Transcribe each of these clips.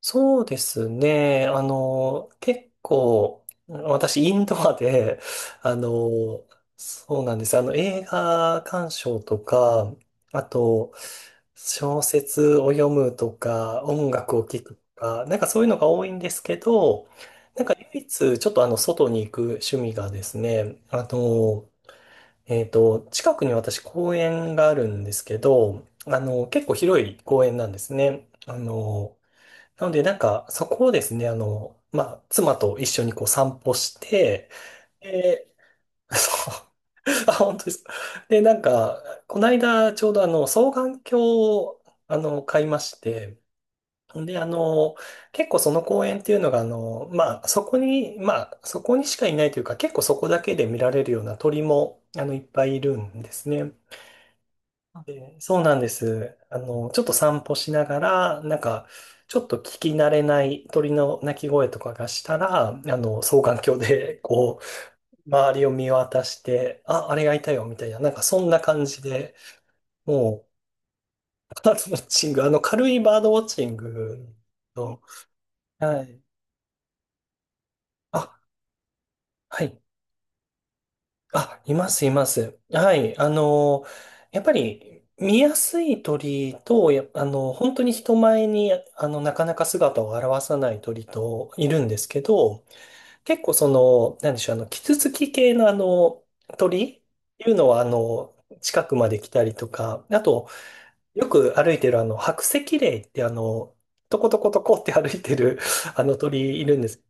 そうですね。結構、私、インドアで、あの、そうなんです。映画鑑賞とか、あと、小説を読むとか、音楽を聴くとか、なんかそういうのが多いんですけど、なんか唯一、ちょっと外に行く趣味がですね、近くに私公園があるんですけど、結構広い公園なんですね。なので、なんか、そこをですね、まあ、妻と一緒にこう散歩して、で、そう、あ、本当ですか。で、なんか、この間、ちょうど双眼鏡を、買いまして、で、結構その公園っていうのが、まあ、そこに、まあ、そこにしかいないというか、結構そこだけで見られるような鳥も、いっぱいいるんですね。そうなんです。ちょっと散歩しながら、なんか、ちょっと聞き慣れない鳥の鳴き声とかがしたら、双眼鏡で、こう、周りを見渡して、あ、あれがいたよ、みたいな、なんかそんな感じで、もう、バードウォッチング、軽いバードウォッチングの、はい。あ、はい。あ、います、います。はい。やっぱり見やすい鳥と、や、あの、本当に人前に、なかなか姿を現さない鳥といるんですけど、結構その、なんでしょう、キツツキ系の鳥いうのは、近くまで来たりとか、あと、よく歩いてる白石霊ってトコトコトコって歩いてる、あの鳥いるんです。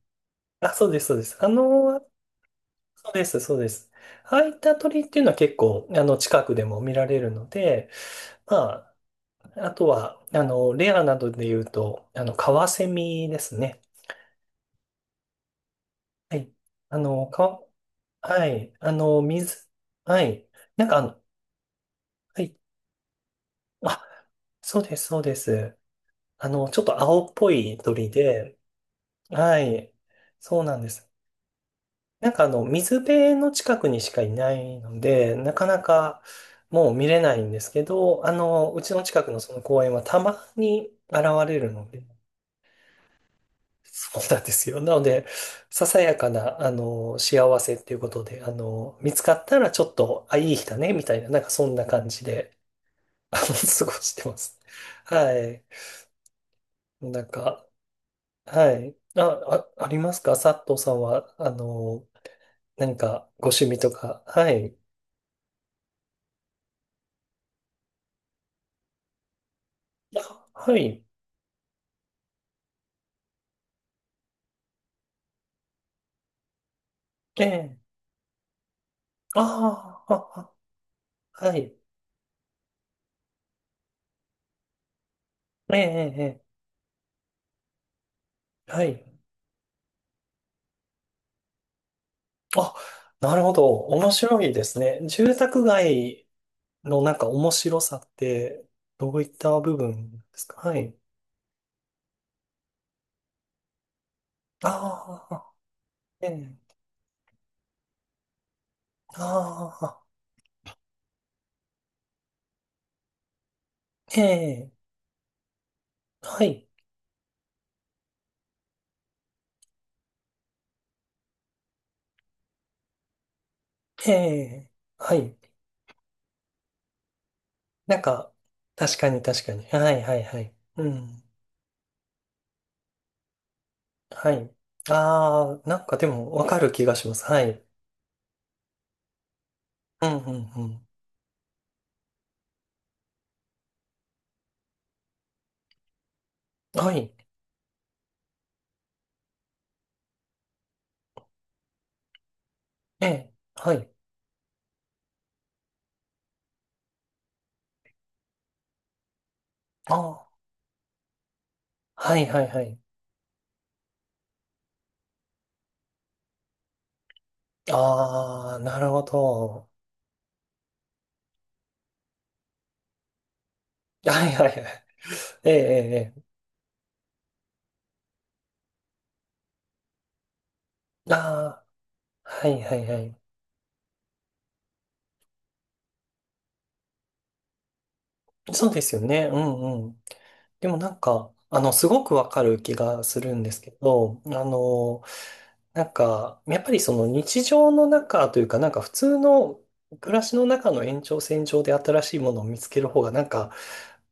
あ、そうです、そうです。そうです、そうです。ああいった鳥っていうのは結構、近くでも見られるので、まあ、あとは、レアなどで言うと、カワセミですね。はい。あの、か、はい。はい。なんかはい。あ、そうです、そうです。ちょっと青っぽい鳥で、はい。そうなんです。なんか水辺の近くにしかいないので、なかなかもう見れないんですけど、うちの近くのその公園はたまに現れるので、そうなんですよ。なので、ささやかな、幸せっていうことで、見つかったらちょっと、あ、いい日だね、みたいな、なんかそんな感じで、あの、過ごしてます。はい。なんか、はい。あ、あ、ありますか、佐藤さんは、何かご趣味とか？はい。あ、はい。ええ。ああ、ああ、はい。ええ、ええ、ええ、はい。あ、なるほど。面白いですね。住宅街のなんか面白さって、どういった部分ですか？はい。ああ、ええ、ああ、ええ、はい。ええ、はい。なんか、確かに確かに。はい、はい、はい。うん。はい。ああ、なんかでもわかる気がします。はい。うん、うん、うん。はい。ええ、はい。ああ。はいはいはい。ああ、なるほど。はいはいはい。ええ、ええ。ええ、ああ、はいはいはい。そうですよね。うんうん。でもなんか、すごくわかる気がするんですけど、なんか、やっぱりその日常の中というか、なんか普通の暮らしの中の延長線上で新しいものを見つける方が、なんか、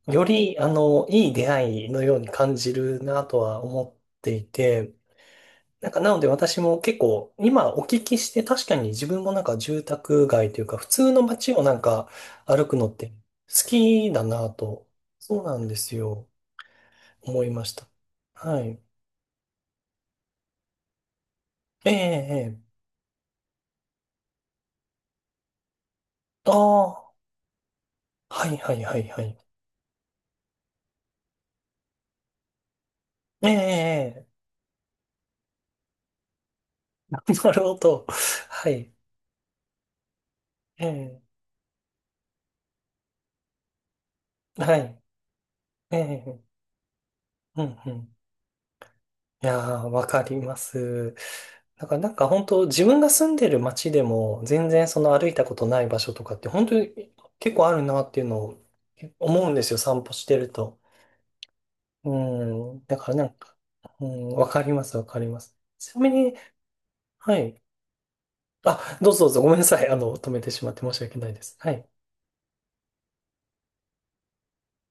より、いい出会いのように感じるなとは思っていて、なんか、なので私も結構、今お聞きして、確かに自分もなんか住宅街というか、普通の街をなんか歩くのって好きだなと、そうなんですよ、思いました。はい。ええ、ええ。ああ、はいはいはいはい。ええ、ええ。なるほど。はい。ええ、はい。ええ、うんうん。いやー、わかります。だからなんか本当自分が住んでる街でも全然その歩いたことない場所とかって本当に結構あるなっていうのを思うんですよ、散歩してると。うん。だからなんか、うん、わかります、わかります。ちなみに、はい。あ、どうぞどうぞ、ごめんなさい。止めてしまって申し訳ないです。はい。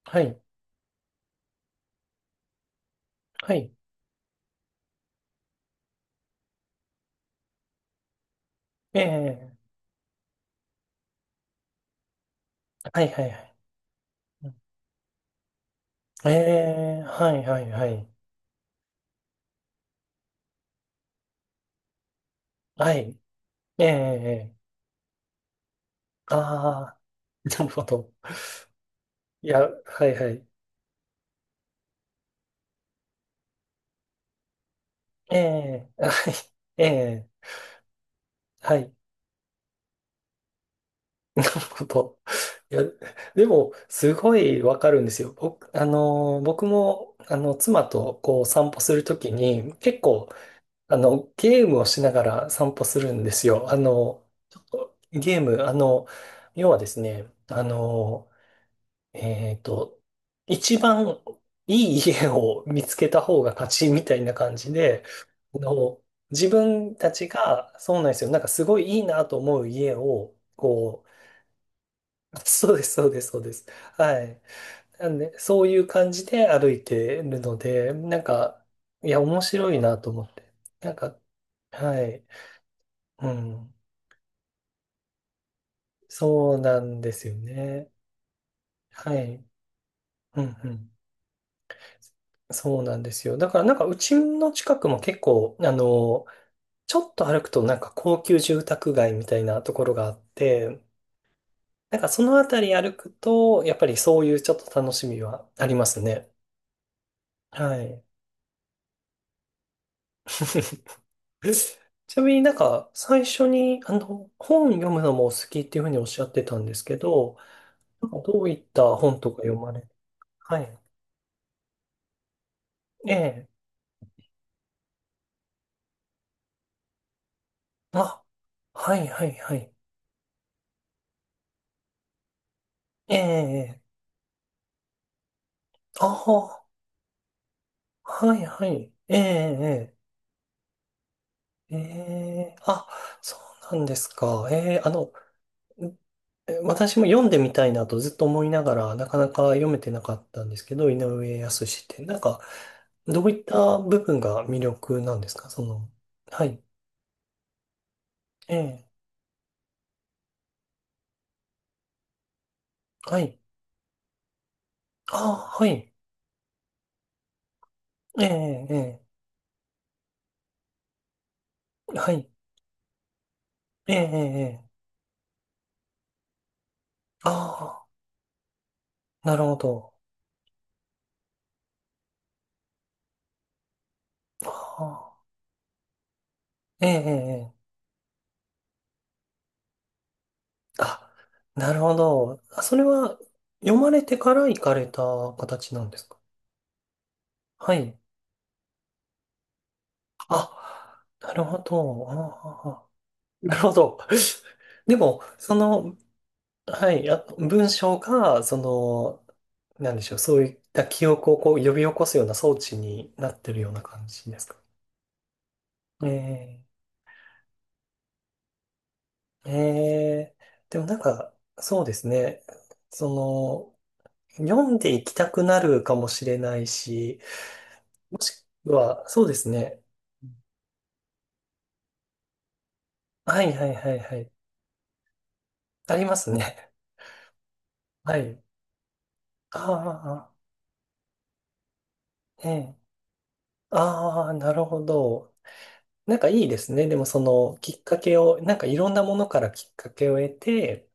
はい。はい。ええ、はいはいはい。ええ、はいはいはい。はい。ええ、ああー、なるほど。いや、はいはい。ええ、はい。ええ、はい。なるほど。いや、でも、すごいわかるんですよ。僕も、妻と、こう、散歩するときに、結構、ゲームをしながら散歩するんですよ。ちょっとゲーム、要はですね、えっと、一番いい家を見つけた方が勝ちみたいな感じで、あの、自分たちが、そうなんですよ。なんかすごいいいなと思う家を、こう、そうです、そうです、そうです。はい。なんで、そういう感じで歩いてるので、なんか、いや、面白いなと思って。なんか、はい。うん。そうなんですよね。はい。うん、うん。そうなんですよ。だからなんかうちの近くも結構、ちょっと歩くとなんか高級住宅街みたいなところがあって、なんかそのあたり歩くと、やっぱりそういうちょっと楽しみはありますね。はい。ちなみになんか最初にあの本読むのもお好きっていうふうにおっしゃってたんですけど、なんかどういった本とか読まれ、はい。ええ。あ、はいはいはい。ええ。ああ、はいはい。ええ、ええ、ええ、あ、そうなんですか。ええ、私も読んでみたいなとずっと思いながら、なかなか読めてなかったんですけど、井上靖って、なんか、どういった部分が魅力なんですか？その、はい。ええ、はい。ああ、はい。ええ、ええ、はい。ええ、ええ、ああ、なるほど。ああ、ええ、ええ、あ、なるほど。あ、それは読まれてから行かれた形なんですか？はい。あ、なるほど。ああ、なるほど。でも、その、はい、あ、文章が、その、なんでしょう、そういった記憶をこう呼び起こすような装置になってるような感じですか？ええ、えでもなんか、そうですね。その、読んでいきたくなるかもしれないし、そうですね。はいはいはいはい。ありますね。はい。ああ、ええ。ああ、なるほど。なんかいいですね。でもそのきっかけを、なんかいろんなものからきっかけを得て、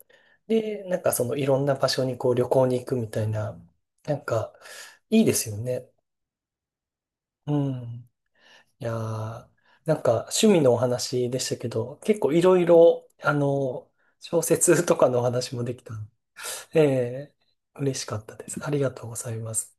で、なんかそのいろんな場所にこう旅行に行くみたいな、なんかいいですよね。うん。いやー、なんか趣味のお話でしたけど、結構いろいろ、小説とかのお話もできた、ええ、嬉しかったです。ありがとうございます。